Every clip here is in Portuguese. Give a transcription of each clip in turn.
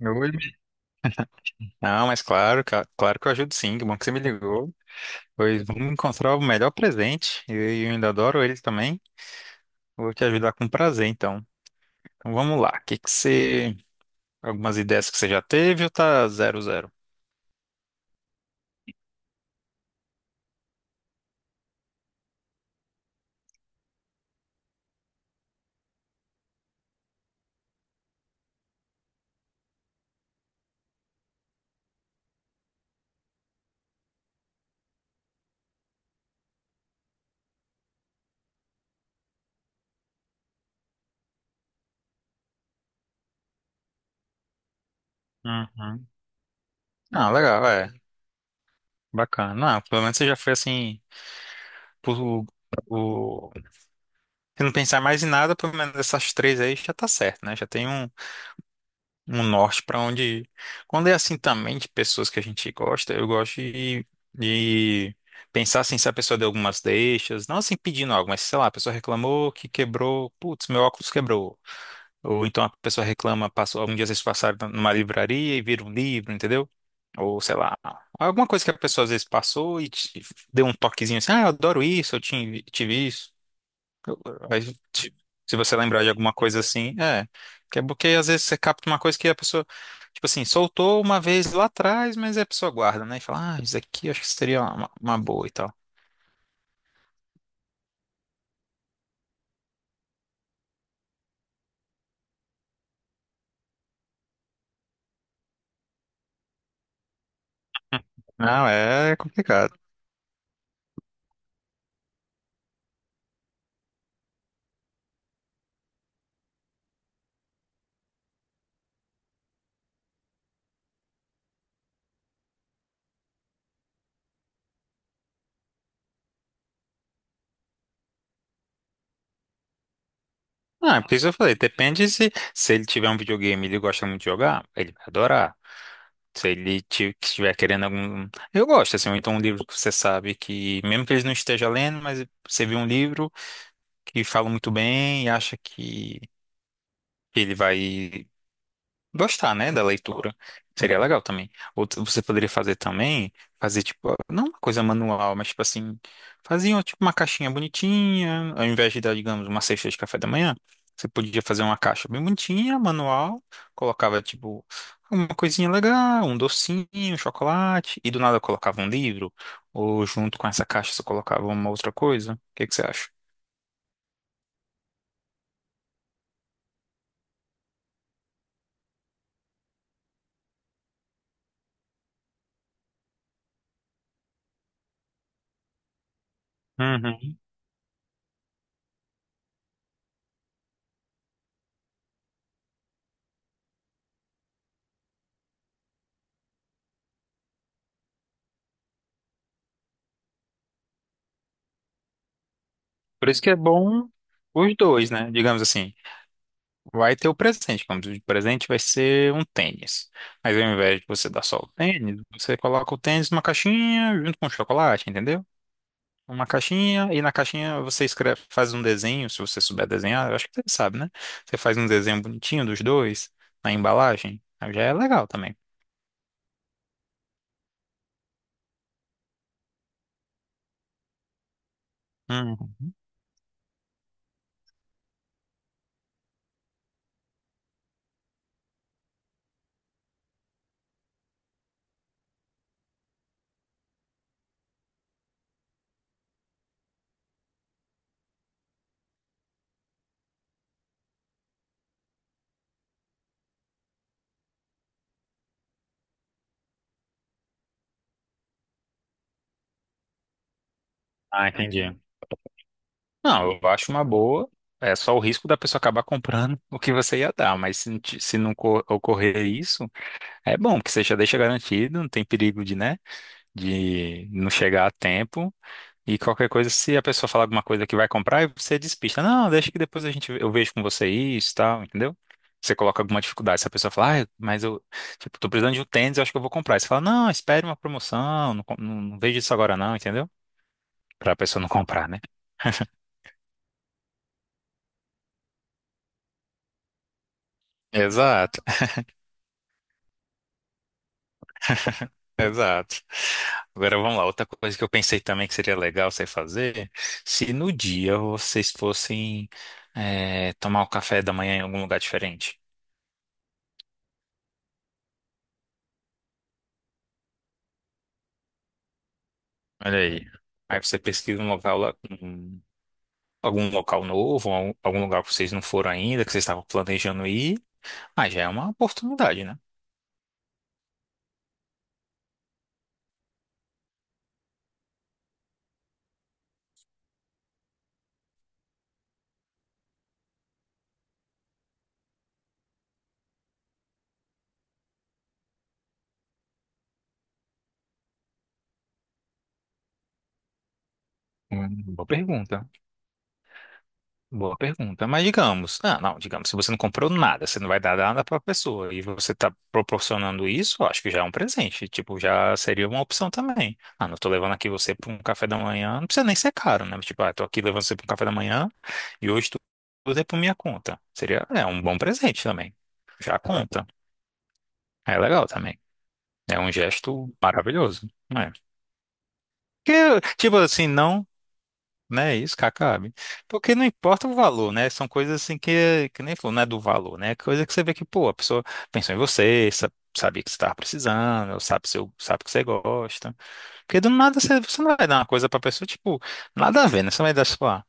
Oi. Não, mas claro, claro que eu ajudo sim, que bom que você me ligou. Pois vamos encontrar o melhor presente. E eu ainda adoro ele também. Vou te ajudar com prazer, então. Então vamos lá. Que você. Algumas ideias que você já teve ou tá zero zero? Uhum. Ah, legal, é. Bacana. Não, pelo menos você já foi assim. Por, o... Se não pensar mais em nada, pelo menos essas três aí já tá certo, né? Já tem Um norte pra onde ir. Quando é assim também de pessoas que a gente gosta, eu gosto de pensar assim, se a pessoa deu algumas deixas, não assim pedindo algo, mas sei lá, a pessoa reclamou que quebrou, putz, meu óculos quebrou. Ou então a pessoa reclama, passou, algum dia vocês passaram numa livraria e viram um livro, entendeu? Ou sei lá, alguma coisa que a pessoa às vezes passou e te deu um toquezinho assim, ah, eu adoro isso, eu tive isso. Eu- Aí, se você lembrar de alguma coisa assim, é. Que é porque às vezes você capta uma coisa que a pessoa, tipo assim, soltou uma vez lá atrás, mas a pessoa guarda, né? E fala, ah, isso aqui acho que seria uma boa e tal. Não, é complicado. Ah, é por isso que eu falei, depende se ele tiver um videogame e ele gosta muito de jogar, ele vai adorar. Se ele estiver querendo algum. Eu gosto, assim, ou então um livro que você sabe que, mesmo que ele não esteja lendo, mas você viu um livro que fala muito bem e acha que ele vai gostar, né, da leitura. Seria legal também. Outra, você poderia fazer também, fazer tipo, não uma coisa manual, mas tipo assim, faziam tipo uma caixinha bonitinha, ao invés de dar, digamos, uma cesta de café da manhã, você podia fazer uma caixa bem bonitinha, manual, colocava tipo uma coisinha legal, um docinho, um chocolate, e do nada colocava um livro, ou junto com essa caixa você colocava uma outra coisa. O que que você acha? Uhum. Por isso que é bom os dois, né? Digamos assim. Vai ter o presente, como tu o presente vai ser um tênis. Mas ao invés de você dar só o tênis, você coloca o tênis numa caixinha junto com o chocolate, entendeu? Uma caixinha, e na caixinha você escreve, faz um desenho, se você souber desenhar, eu acho que você sabe, né? Você faz um desenho bonitinho dos dois na embalagem, aí já é legal também. Uhum. Ah, entendi. Não, eu acho uma boa. É só o risco da pessoa acabar comprando o que você ia dar, mas se, não ocorrer isso, é bom, porque você já deixa garantido, não tem perigo de, né? De não chegar a tempo. E qualquer coisa, se a pessoa falar alguma coisa que vai comprar, aí você despista. Não, deixa que depois a gente, eu vejo com você isso e tal, entendeu? Você coloca alguma dificuldade. Se a pessoa falar, ah, mas eu, tipo, tô precisando de um tênis, eu acho que eu vou comprar. Aí você fala, não, espere uma promoção, não, não, não vejo isso agora não, entendeu? Pra pessoa não comprar, né? Exato, exato. Agora vamos lá, outra coisa que eu pensei também que seria legal você fazer, se no dia vocês fossem tomar o café da manhã em algum lugar diferente. Olha aí. Aí você pesquisa um local lá, um- algum local novo, algum lugar que vocês não foram ainda, que vocês estavam planejando ir. Ah, já é uma oportunidade, né? Uma boa pergunta. Boa pergunta. Mas digamos, ah, não, digamos, se você não comprou nada, você não vai dar nada para a pessoa e você está proporcionando isso, eu acho que já é um presente. Tipo, já seria uma opção também. Ah, não tô levando aqui você para um café da manhã, não precisa nem ser caro, né? Tipo, ah, tô aqui levando você para um café da manhã e hoje tu tudo é por minha conta. Seria, é um bom presente também. Já conta. É legal também. É um gesto maravilhoso, né? Que, tipo assim, não. Né, isso que acabe. Porque não importa o valor, né? São coisas assim que, nem falou, não é do valor, né? Coisa que você vê que, pô, a pessoa pensou em você, sabia que você estava precisando, ou sabe, seu, sabe que você gosta. Porque do nada você não vai dar uma coisa pra pessoa, tipo, nada a ver, né? Você vai dar, sei lá,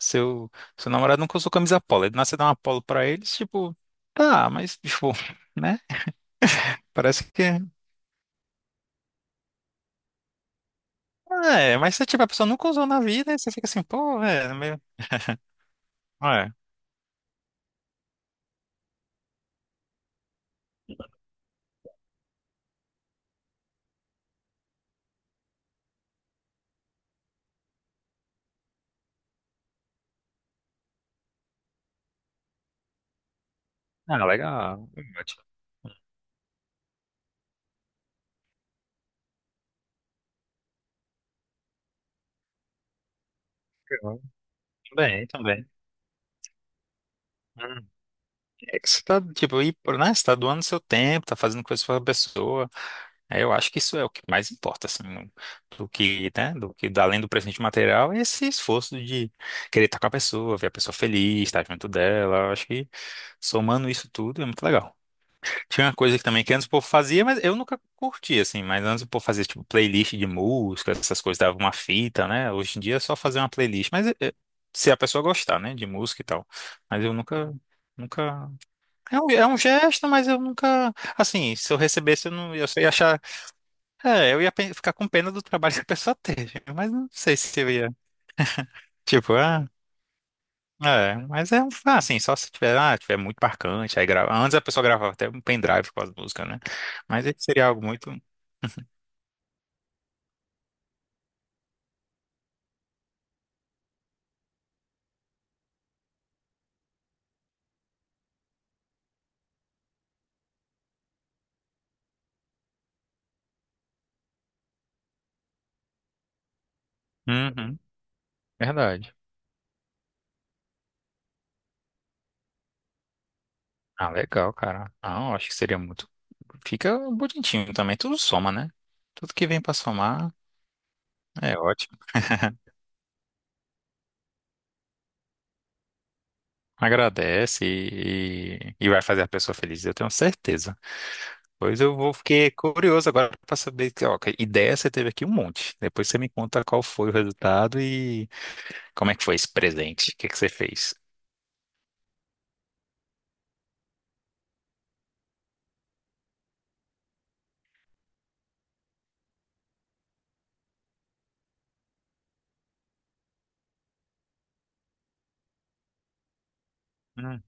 seu, seu namorado nunca usou camisa polo, aí do nada você dá uma polo pra eles, tipo, tá, mas, tipo, né? Parece que. É, mas se tipo, a pessoa nunca usou na vida, aí você fica assim, pô, é, meio. É. Ah, legal. Bem, também. Hum. É que você tá, tipo, e, né? Você tá doando seu tempo, tá fazendo coisas pra pessoa. Aí eu acho que isso é o que mais importa, assim, do que, né? Do que, além do presente material, é esse esforço de querer estar com a pessoa, ver a pessoa feliz, estar junto dela. Eu acho que somando isso tudo é muito legal. Tinha uma coisa que também que antes o povo fazia, mas eu nunca curti, assim. Mas antes o povo fazia, tipo, playlist de música, essas coisas, dava uma fita, né? Hoje em dia é só fazer uma playlist. Mas se a pessoa gostar, né, de música e tal. Mas eu nunca, nunca... É um gesto, mas eu nunca... Assim, se eu recebesse, eu, não, eu só ia achar... É, eu ia ficar com pena do trabalho que a pessoa teve. Mas não sei se eu ia... Tipo, ah... É, mas é um, ah, assim, só se tiver, ah, tiver muito marcante, aí grava. Antes a pessoa gravava até um pendrive com as músicas, né? Mas esse seria algo muito. Uhum, verdade. Ah, legal, cara. Não, acho que seria muito. Fica bonitinho também, tudo soma, né? Tudo que vem pra somar é ótimo. Agradece e vai fazer a pessoa feliz, eu tenho certeza. Pois eu vou fiquei curioso agora pra saber que, ó, que ideia você teve aqui um monte. Depois você me conta qual foi o resultado e como é que foi esse presente, o que que você fez. Hum,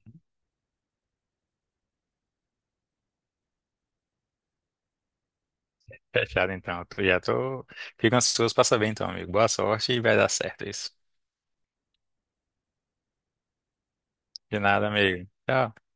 fechado então. Já tô. Fico ansioso pra saber então, amigo. Boa sorte e vai dar certo isso. De nada, amigo. Tchau.